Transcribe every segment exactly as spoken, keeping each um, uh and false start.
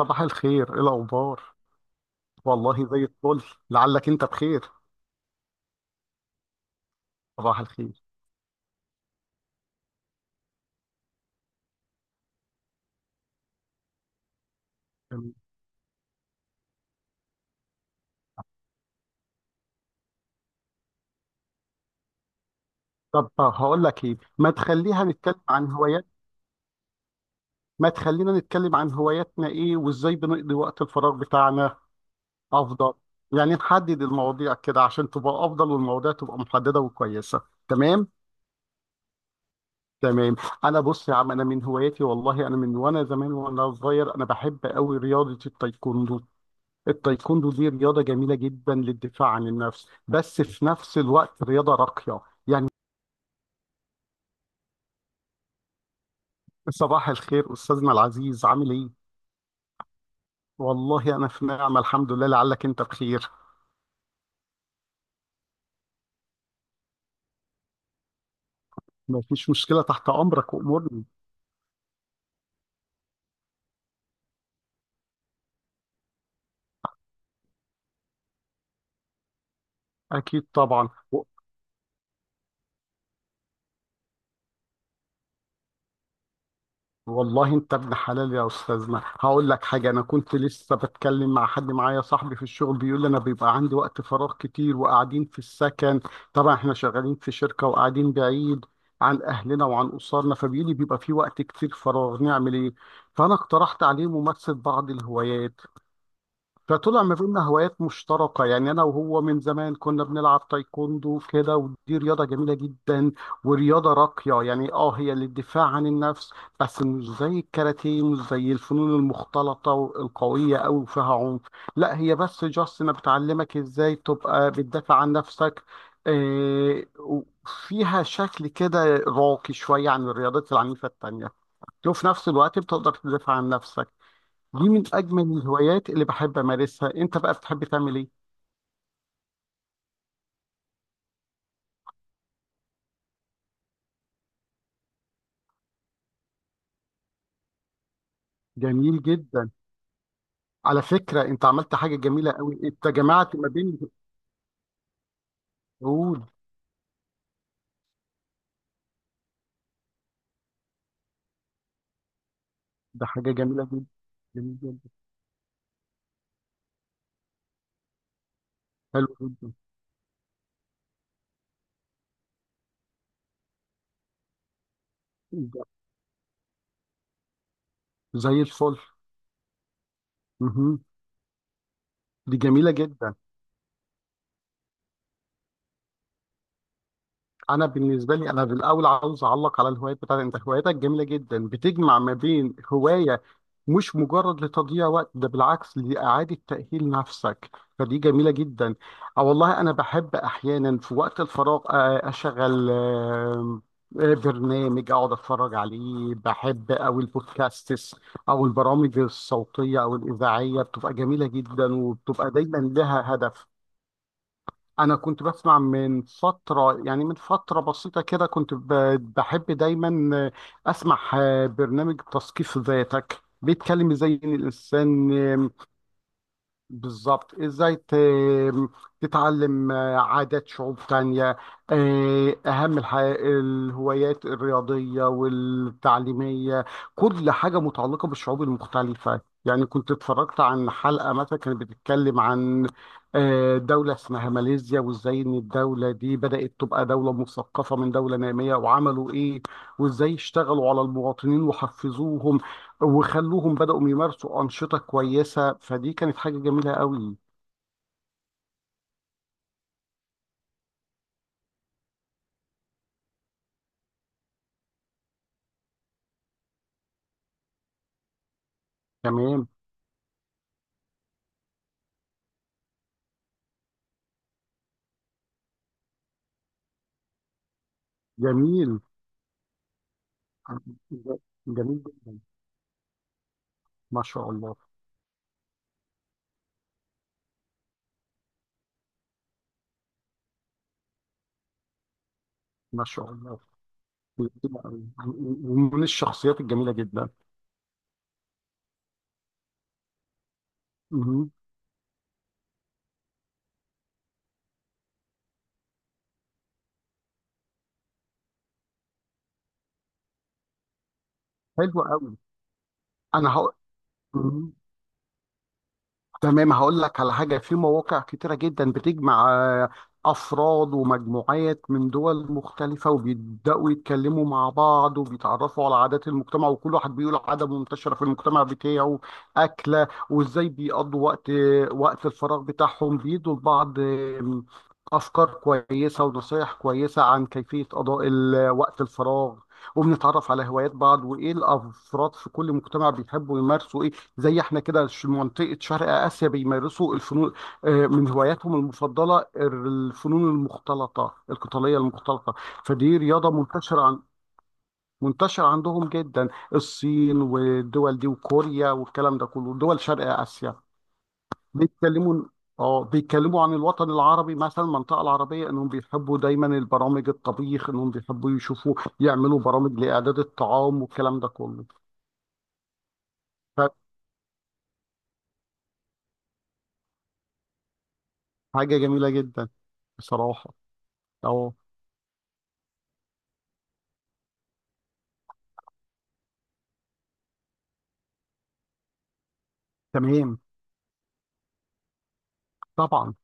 صباح الخير، ايه الاخبار؟ والله زي الفل. لعلك انت بخير. صباح الخير. تمام. طب هقول لك ايه، ما تخليها نتكلم عن هوايات. ما تخلينا نتكلم عن هواياتنا ايه وازاي بنقضي وقت الفراغ بتاعنا، افضل يعني نحدد المواضيع كده عشان تبقى افضل والمواضيع تبقى محدده وكويسه. تمام. تمام. انا بص يا عم، انا من هواياتي والله انا من وانا زمان وانا صغير انا بحب قوي رياضه التايكوندو. التايكوندو دي رياضة جميلة جدا للدفاع عن النفس، بس في نفس الوقت رياضة راقية يعني. صباح الخير أستاذنا العزيز، عامل إيه؟ والله أنا في نعمة الحمد لله، لعلك أنت بخير. مفيش مشكلة، تحت أمرك وأمورني. أكيد طبعا. والله انت ابن حلال يا استاذنا، هقول لك حاجه، انا كنت لسه بتكلم مع حد معايا صاحبي في الشغل بيقول لي انا بيبقى عندي وقت فراغ كتير وقاعدين في السكن. طبعا احنا شغالين في شركه وقاعدين بعيد عن اهلنا وعن اسرنا، فبيقول لي بيبقى في وقت كتير فراغ نعمل ايه. فانا اقترحت عليه ممارسه بعض الهوايات. فطلع ما بيننا هوايات مشتركة، يعني أنا وهو من زمان كنا بنلعب تايكوندو كده ودي رياضة جميلة جدا ورياضة راقية يعني. اه هي للدفاع عن النفس، بس مش زي الكاراتيه، مش زي الفنون المختلطة القوية أوي وفيها عنف. لا هي بس جاست أنا بتعلمك إزاي تبقى بتدافع عن نفسك. آه، وفيها شكل كده راقي شوية عن الرياضات العنيفة التانية، وفي نفس الوقت بتقدر تدافع عن نفسك. دي من اجمل الهوايات اللي بحب امارسها. انت بقى بتحب تعمل ايه؟ جميل جدا. على فكره انت عملت حاجه جميله قوي، انت جمعت ما بين. قول. ده حاجه جميله جدا. جميل جدا. حلو جدا. ده زي الفل. مهم. دي جميله جدا. انا بالنسبه لي انا في الاول عاوز اعلق على الهوايات بتاعتك، انت هواياتك جميله جدا بتجمع ما بين هوايه مش مجرد لتضييع وقت، ده بالعكس لاعاده تاهيل نفسك، فدي جميله جدا. اه والله انا بحب احيانا في وقت الفراغ آه، اشغل آم، آه، برنامج اقعد اتفرج عليه بحب، او البودكاستس او البرامج الصوتيه او الاذاعيه، بتبقى جميله جدا وبتبقى دايما لها هدف. انا كنت بسمع من فتره، يعني من فتره بسيطه كده كنت ب- بحب دايما اسمع برنامج تثقيف ذاتك، بيتكلم ازاي إن الانسان بالظبط ازاي ت- تتعلم آه، عادات شعوب تانية. آه، اهم الحاجة الهوايات الرياضية والتعليمية، كل حاجة متعلقة بالشعوب المختلفة. يعني كنت اتفرجت عن حلقة مثلا كانت بتتكلم عن آه، دولة اسمها ماليزيا، وازاي ان الدولة دي بدأت تبقى دولة مثقفة من دولة نامية، وعملوا ايه وازاي اشتغلوا على المواطنين وحفزوهم وخلوهم بدأوا يمارسوا أنشطة كويسة. فدي كانت حاجة جميلة قوي. تمام. جميل. جميل جدا. ما شاء الله. ما شاء الله. جميلة أوي. ومن الشخصيات الجميلة جدا. مهم. حلو قوي. أنا هقول. تمام هقول لك على حاجة، في مواقع كتيرة جدا بتجمع آه، أفراد ومجموعات من دول مختلفة وبيبدأوا يتكلموا مع بعض وبيتعرفوا على عادات المجتمع، وكل واحد بيقول عادة منتشرة في المجتمع بتاعه، أكلة وإزاي بيقضوا وقت وقت الفراغ بتاعهم، بيدوا لبعض آم، أفكار كويسة ونصايح كويسة عن كيفية قضاء ال- وقت الفراغ. وبنتعرف على هوايات بعض وإيه الأفراد في كل مجتمع بيحبوا يمارسوا إيه. زي احنا كده ش- منطقة شرق آسيا بيمارسوا الفنون، آه، من هواياتهم المفضلة الفنون المختلطة القتالية المختلطة. فدي رياضة منتشرة عن منتشرة عندهم جدا، الصين والدول دي وكوريا والكلام ده كله دول شرق آسيا. بيتكلموا، اه بيتكلموا عن الوطن العربي مثلا، المنطقة العربية انهم بيحبوا دايما البرامج الطبيخ، انهم بيحبوا يشوفوا يعملوا برامج لإعداد الطعام والكلام ده كله. فحاجة جميلة جدا بصراحة. اه. تمام. طبعا.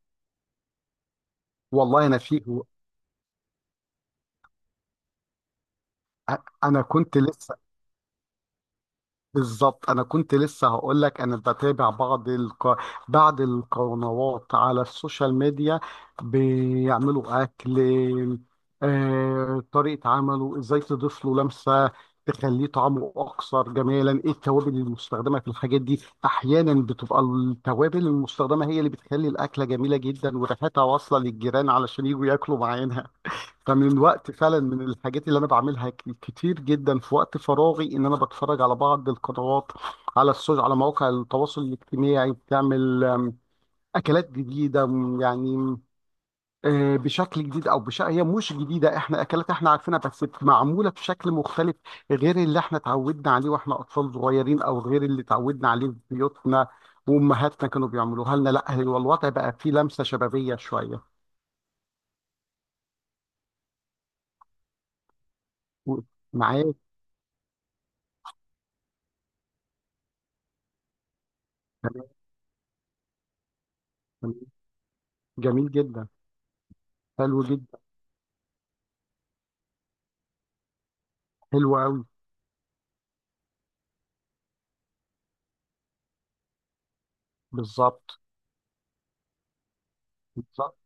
والله انا في. أ- انا كنت لسه. بالظبط انا كنت لسه هقول لك، انا بتابع بعض الق... بعض القنوات على السوشيال ميديا بيعملوا اكل. آه... طريقة عمله ازاي تضيف له لمسة تخليه طعمه اكثر جمالا، ايه التوابل المستخدمة في الحاجات دي، احيانا بتبقى التوابل المستخدمة هي اللي بتخلي الاكلة جميلة جدا وريحتها واصلة للجيران علشان يجوا ياكلوا معانا. فمن الوقت فعلا من الحاجات اللي انا بعملها ك- كتير جدا في وقت فراغي ان انا بتفرج على بعض القنوات على السوشيال، على مواقع التواصل الاجتماعي، بتعمل آم، اكلات جديده، م، يعني م، آه، بشكل جديد او بش... هي مش جديده، احنا اكلات احنا عارفينها بس معموله بشكل مختلف غير اللي احنا اتعودنا عليه واحنا اطفال صغيرين، او غير اللي اتعودنا عليه في بيوتنا وامهاتنا كانوا بيعملوها لنا. لا هو الوضع بقى فيه لمسه شبابيه شويه و- معاك. تمام. تمام. جميل جدا. حلو جدا. حلو قوي. بالظبط. بالظبط.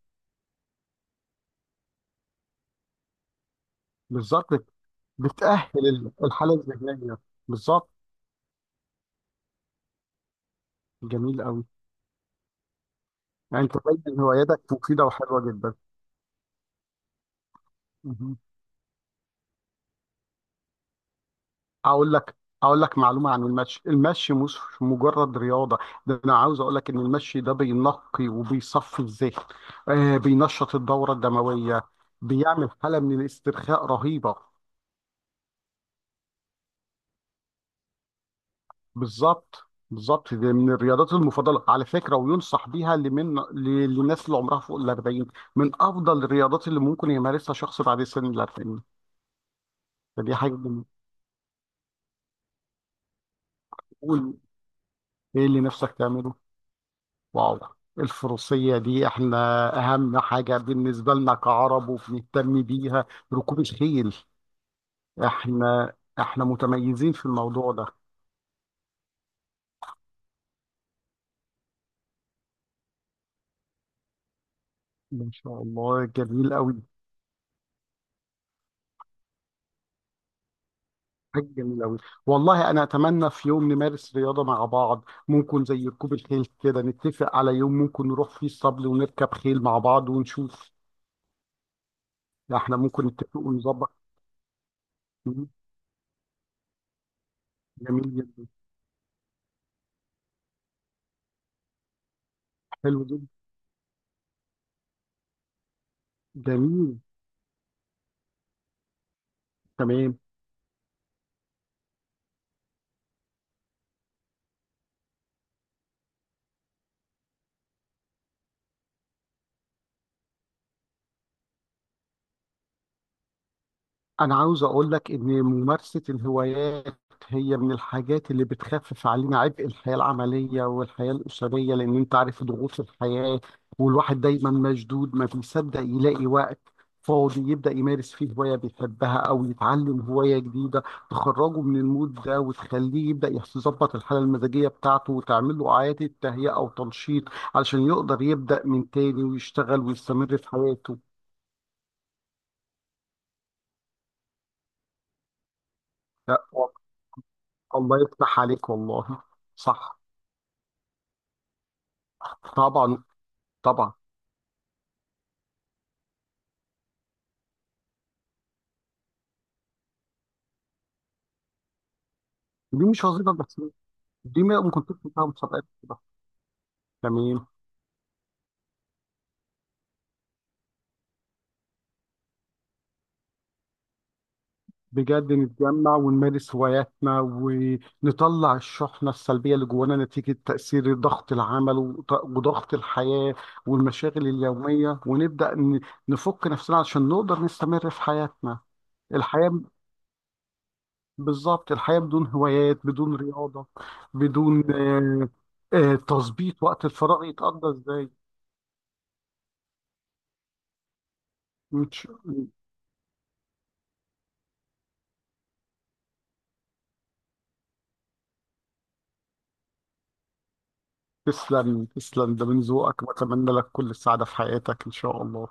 بالظبط بت- بتأهل ال- الحالة الذهنية. بالظبط. جميل قوي. يعني انت باين هواياتك مفيدة وحلوة جدا. مهم. اقول لك، اقول لك معلومة عن المشي، المشي مش مجرد رياضة، ده انا عاوز اقول لك ان المشي ده بينقي وبيصفي الذهن، آه بينشط الدورة الدموية، بيعمل حالة من الاسترخاء رهيبة. بالظبط. بالظبط دي من الرياضات المفضله على فكره، وينصح بيها لمن ل- للناس اللي عمرها فوق ال أربعين، من افضل الرياضات اللي ممكن يمارسها شخص بعد سن ال أربعين. فدي حاجه جميلة. قول. ايه اللي نفسك تعمله؟ واو. الفروسيه دي احنا اهم حاجه بالنسبه لنا كعرب وبنهتم بيها، ركوب الخيل. احنا احنا متميزين في الموضوع ده. ما شاء الله جميل قوي. حاجة جميلة أوي. والله أنا أتمنى في يوم نمارس رياضة مع بعض، ممكن زي ركوب الخيل كده، نتفق على يوم ممكن نروح فيه الصبل ونركب خيل مع بعض ونشوف. إحنا ممكن نتفق ونظبط. جميل جدا. حلو جدا. جميل. تمام. أنا عاوز أقول لك إن ممارسة الهوايات هي من الحاجات اللي بتخفف علينا عبء الحياة العملية والحياة الأسرية، لأن أنت عارف ضغوط الحياة والواحد دايما مشدود ما بيصدق يلاقي وقت فاضي يبدأ يمارس فيه هواية بيحبها أو يتعلم هواية جديدة تخرجه من المود ده وتخليه يبدأ يحس- يظبط الحالة المزاجية بتاعته، وتعمل له إعادة تهيئة أو تنشيط علشان يقدر يبدأ من تاني ويشتغل ويستمر في حياته. لا، الله يفتح عليك والله. صح. طبعا. طبعا. دي مش وظيفه بس. دي ما ما كنتش فيها مسابقات كده. تمام. بجد نتجمع ونمارس هواياتنا ونطلع الشحنه السلبيه اللي جوانا نتيجه تاثير ضغط العمل وط- وضغط الحياه والمشاغل اليوميه، ونبدا ن- نفك نفسنا عشان نقدر نستمر في حياتنا. الحياه. بالظبط الحياه بدون هوايات بدون رياضه بدون آه، آه، تظبيط وقت الفراغ يتقضى ازاي؟ مش. تسلم تسلم، ده من ذوقك، واتمنى لك كل السعادة في حياتك ان شاء الله.